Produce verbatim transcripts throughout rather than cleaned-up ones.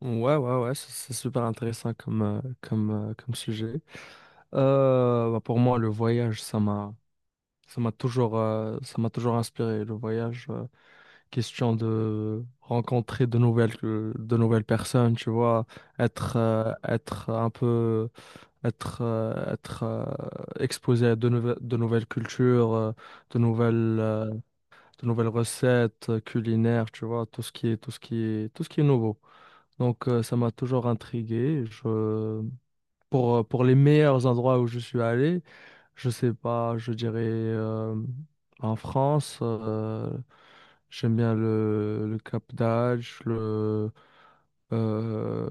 Ouais, ouais, ouais, c'est c'est super intéressant comme, euh, comme, euh, comme sujet. Euh, bah, pour moi, le voyage, ça m'a, ça m'a toujours, euh, ça m'a toujours inspiré. Le voyage, euh, question de rencontrer de nouvelles, euh, de nouvelles personnes, tu vois, être, euh, être un peu, être, euh, être euh, exposé à de nouvelles, de nouvelles cultures, euh, de nouvelles, euh, de nouvelles recettes euh, culinaires, tu vois, tout ce qui est, tout ce qui est, tout ce qui est nouveau. Donc, euh, ça m'a toujours intrigué. Je... Pour, euh, pour les meilleurs endroits où je suis allé, je sais pas, je dirais euh, en France, euh, j'aime bien le, le Cap d'Agde, le euh,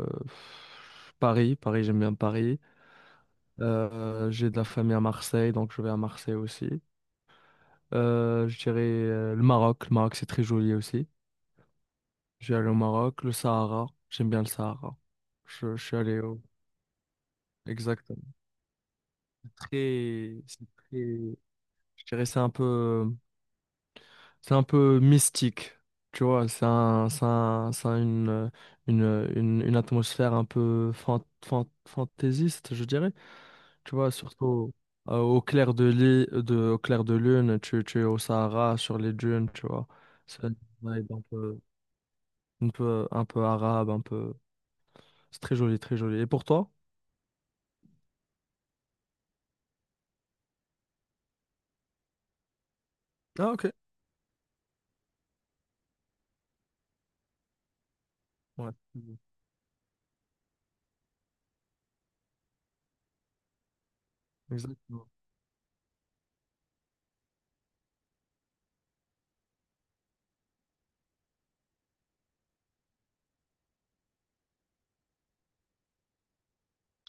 Paris, Paris, j'aime bien Paris. Euh, j'ai de la famille à Marseille, donc je vais à Marseille aussi. Euh, je dirais euh, le Maroc, le Maroc c'est très joli aussi. Je vais aller au Maroc, le Sahara, j'aime bien le Sahara. Je, je suis allé au... Exact. très, c'est très- je dirais c'est un peu, c'est un peu mystique, tu vois, c'est un, c'est un- c'est une, une, une, une atmosphère un peu fan- fan- fantaisiste, je dirais, tu vois, surtout euh, au clair de, li- de, au clair de lune, tu, tu es au Sahara, sur les dunes, tu vois, c'est une vibe un peu, un peu, un peu arabe, un peu, c'est très joli, très joli. Et pour toi? Ah, ok. Ouais, exactement.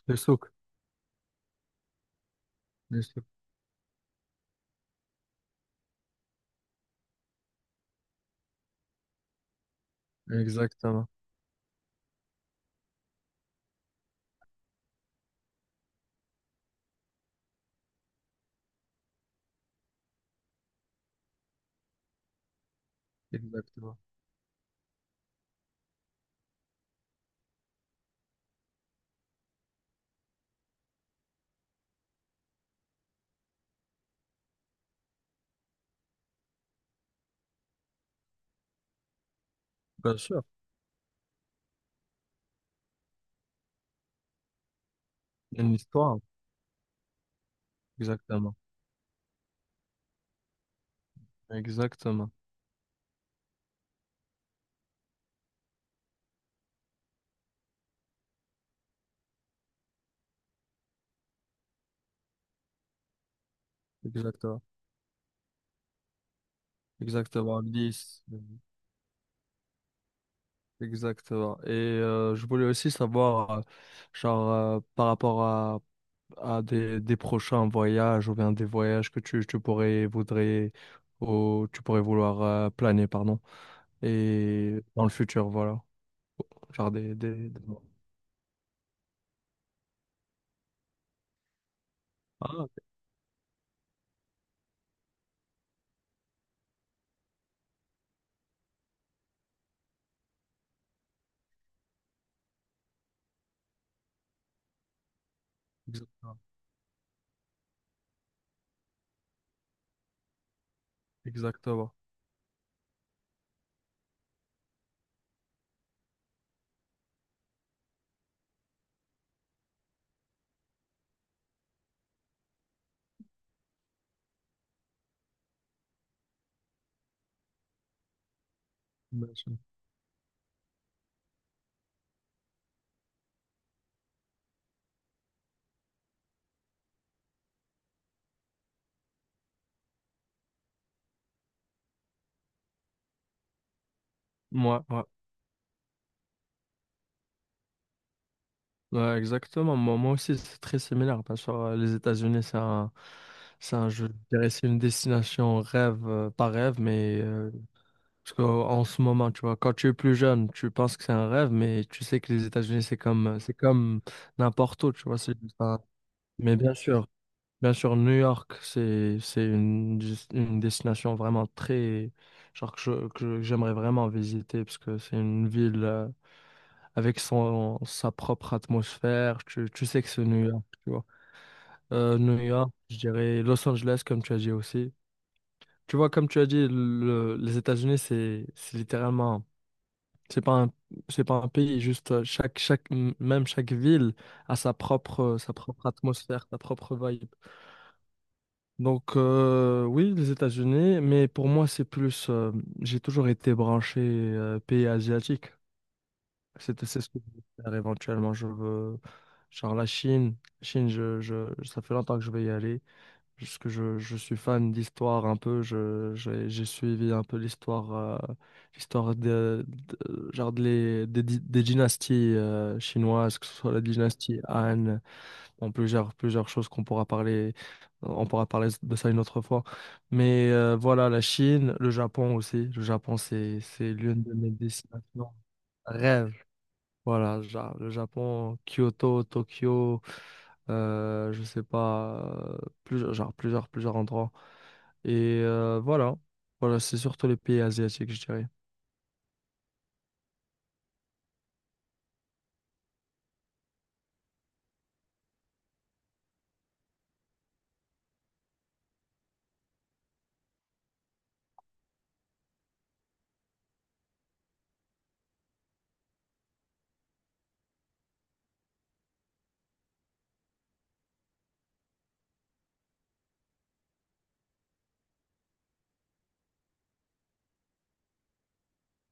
Les souks. Exactement, exactement. Bien sûr, il y a une histoire. Exactement, exactement, exactement, exactement. Nice, exactement. Et euh, je voulais aussi savoir, euh, genre, euh, par rapport à, à des, des prochains voyages ou bien des voyages que tu, tu pourrais, voudrais, ou tu pourrais vouloir euh, planer, pardon, et dans le futur, voilà. Genre des, des, des- Ah, ok. Exactement, exactement. Bien sûr. Ouais, ouais. Ouais, exactement. Moi, moi aussi, c'est très similaire. Bien sûr, euh, les États-Unis, c'est un, c'est un, je dirais, c'est une destination rêve, euh, pas rêve, mais euh, parce qu'en ce moment, tu vois, quand tu es plus jeune, tu penses que c'est un rêve, mais tu sais que les États-Unis, c'est comme, euh, c'est comme n'importe où, tu vois. C'est juste un- Mais bien sûr, bien sûr, New York, c'est, c'est une, dis- une destination vraiment très, genre que je- que j'aimerais vraiment visiter parce que c'est une ville. Euh, avec son, sa propre atmosphère. Tu, tu sais que c'est New York, tu vois. Euh, New York, je dirais Los Angeles, comme tu as dit aussi. Tu vois, comme tu as dit, le- les États-Unis, c'est, c'est littéralement, c'est pas un, c'est pas un pays, juste euh, chaque, chaque, m- même chaque ville a sa propre, sa propre atmosphère, sa propre vibe. Donc, euh, oui, les États-Unis, mais pour moi, c'est plus, euh, j'ai toujours été branché, euh, pays asiatique. C'est c'est ce que je veux faire éventuellement. Je veux, genre la Chine, Chine, je, je, ça fait longtemps que je vais y aller. Parce que je, je suis fan d'histoire un peu. Je, j'ai j'ai suivi un peu l'histoire, euh, l'histoire de, de- genre de les- des, di- des dynasties euh, chinoises, que ce soit la dynastie Han, bon, plusieurs, plusieurs choses qu'on pourra parler, on pourra parler de ça une autre fois. Mais euh, voilà, la Chine, le Japon aussi. Le Japon, c'est, c'est l'une de mes destinations rêve. Voilà, ja- le Japon, Kyoto, Tokyo, euh, je sais pas, euh, plusieurs, genre plusieurs, plusieurs endroits. Et euh, voilà, voilà, c'est surtout les pays asiatiques, je dirais.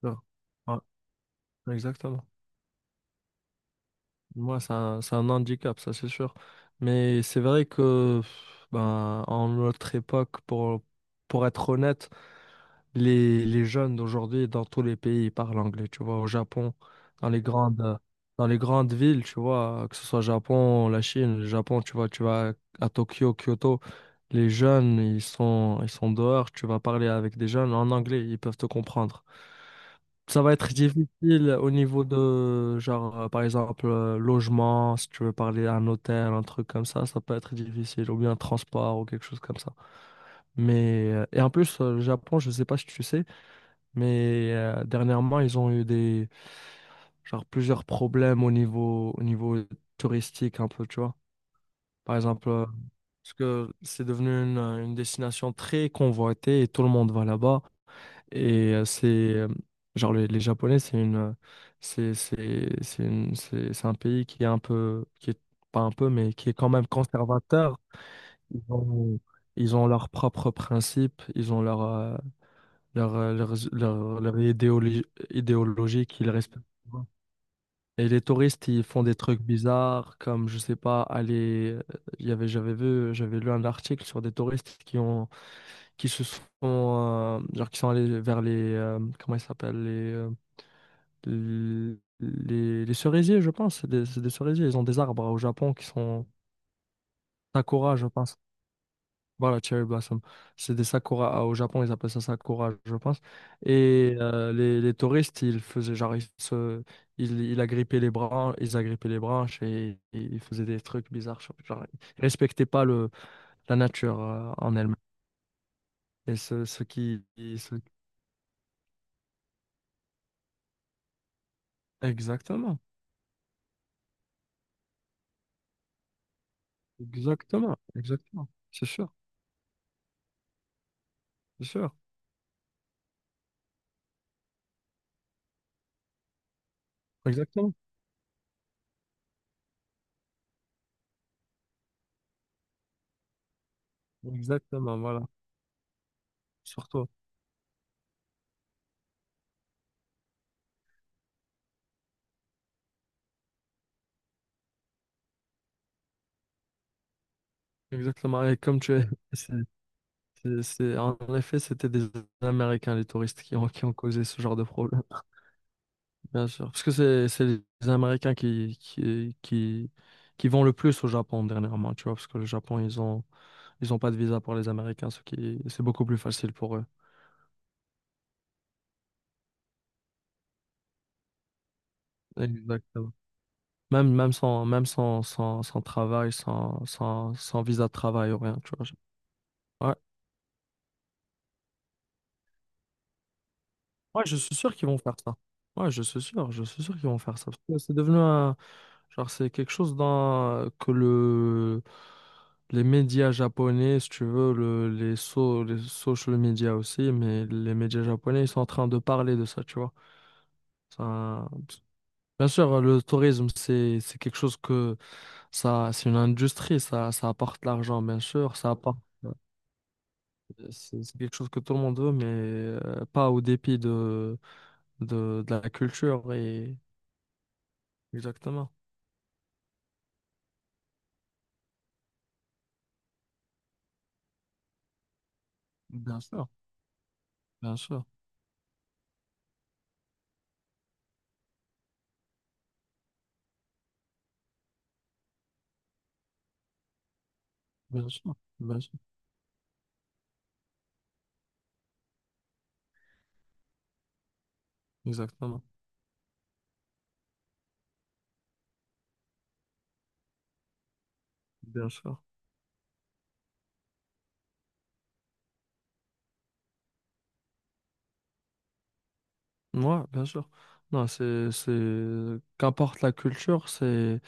Ouais, ouais, exactement. Moi, c'est un, c'est un handicap, ça c'est sûr. Mais c'est vrai que, pff, ben, en notre époque, pour, pour être honnête, Les, les jeunes d'aujourd'hui, dans tous les pays, ils parlent anglais, tu vois. Au Japon, dans les grandes, dans les grandes villes, tu vois, que ce soit Japon, la Chine, le Japon, tu vois, tu vas à Tokyo, Kyoto, les jeunes, ils sont, ils sont dehors, tu vas parler avec des jeunes en anglais, ils peuvent te comprendre. Ça va être difficile au niveau de, genre, euh, par exemple, euh, logement, si tu veux parler à un hôtel, un truc comme ça, ça peut être difficile, ou bien transport, ou quelque chose comme ça. Mais, euh, et en plus, euh, le Japon, je sais pas si tu sais, mais euh, dernièrement, ils ont eu des genre plusieurs problèmes au niveau au niveau touristique un peu, tu vois. Par exemple, euh, parce que c'est devenu une, euh, une destination très convoitée et tout le monde va là-bas. Et euh, c'est euh, genre les, les Japonais, c'est une euh, c'est c'est c'est une- c'est c'est un pays qui est un peu qui est pas un peu mais qui est quand même conservateur. Ils ont ils ont leurs propres principes, ils ont leur euh, leur, euh, leurs- leur- leur idéologie, idéologie qu'ils respectent pas. Et les touristes, ils font des trucs bizarres, comme, je sais pas, aller... euh, il y avait, j'avais vu, j'avais lu un article sur des touristes qui ont, qui se sont, euh, genre, qui sont allés vers les, euh, comment ils s'appellent, les, euh, l- les, les cerisiers, je pense, c'est des, c'est des cerisiers, ils ont des arbres au Japon qui sont sakura, je pense. Voilà, Cherry Blossom. C'est des sakura. Au Japon, ils appellent ça sakura, je pense. Et euh, les, les touristes, ils faisaient genre, ils, se, ils, ils agrippaient les branches, ils agrippaient les branches et, ils faisaient des trucs bizarres. Genre, genre, ils respectaient pas le, la nature euh, en elle-même. Et ce, ce qui. ce- Exactement. Exactement. Exactement. C'est sûr. C'est sûr. Exactement. Exactement. Voilà. Surtout. Exactement. Et comme tu es. C'est, c'est- en effet, c'était des Américains, les touristes, qui ont, qui ont causé ce genre de problème, bien sûr. Parce que c'est, c'est les Américains qui, qui, qui, qui vont le plus au Japon dernièrement, tu vois, parce que le Japon, ils ont, ils ont pas de visa pour les Américains, ce qui, c'est beaucoup plus facile pour eux. Exactement. Même, même sans, même sans, sans, sans travail, sans, sans, sans visa de travail ou rien, tu vois. Ouais. Ouais, je suis sûr qu'ils vont faire ça. Ouais, je suis sûr, je suis sûr qu'ils vont faire ça. Parce que c'est devenu un... Genre, c'est quelque chose dans... que le... les médias japonais, si tu veux, le... les, so... les social media aussi, mais les médias japonais, ils sont en train de parler de ça, tu vois. Ça... Bien sûr, le tourisme, c'est c'est quelque chose que ça, c'est une industrie, ça, ça apporte l'argent, bien sûr, ça apporte, euh, c'est c'est quelque chose que tout le monde veut, mais euh, pas au dépit de, de, de la culture et exactement. Bien sûr, bien sûr, bien sûr, bien sûr, exactement, bien sûr. Moi, bien sûr. Non, c'est, c'est, qu'importe la culture, c'est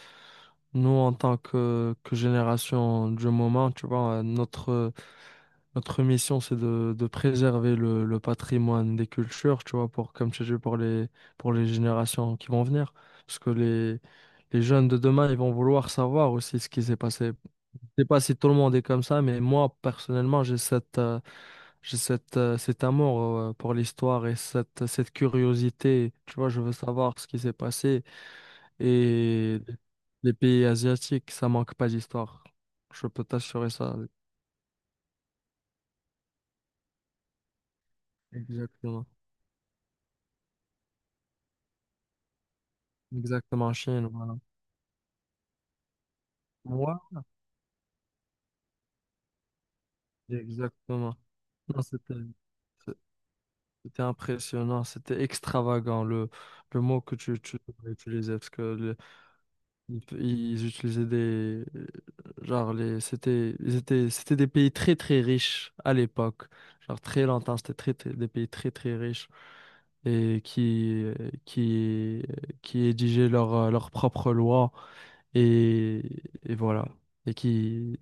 nous en tant que, que génération du moment, tu vois, notre, notre mission, c'est de, de préserver le, le patrimoine des cultures, tu vois, pour, comme tu dis, pour les, pour les générations qui vont venir. Parce que les, les jeunes de demain, ils vont vouloir savoir aussi ce qui s'est passé. Je sais pas si tout le monde est comme ça, mais moi, personnellement, j'ai cette, euh, j'ai cette, euh, cet amour euh, pour l'histoire et cette, cette curiosité. Tu vois, je veux savoir ce qui s'est passé. Et les pays asiatiques, ça manque pas d'histoire. Je peux t'assurer ça. Exactement. Exactement, en Chine, voilà. Moi, exactement. Non, c'était, c'était impressionnant, c'était extravagant, le, le mot que tu, tu devrais utiliser, parce que Ils, ils utilisaient des genre les c'était ils étaient c'était des pays très très riches à l'époque. Genre très longtemps, c'était très, très- des pays très très riches et qui euh, qui qui rédigeaient leur euh, leur propre loi et et voilà et qui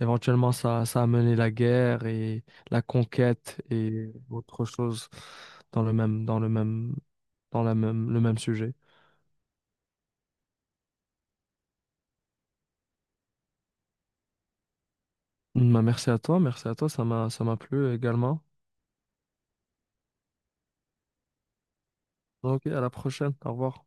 éventuellement ça ça a mené la guerre et la conquête et autre chose dans le même dans le même dans la même le même sujet. Bah, merci à toi, merci à toi, ça m'a ça m'a plu également. Ok, à la prochaine, au revoir.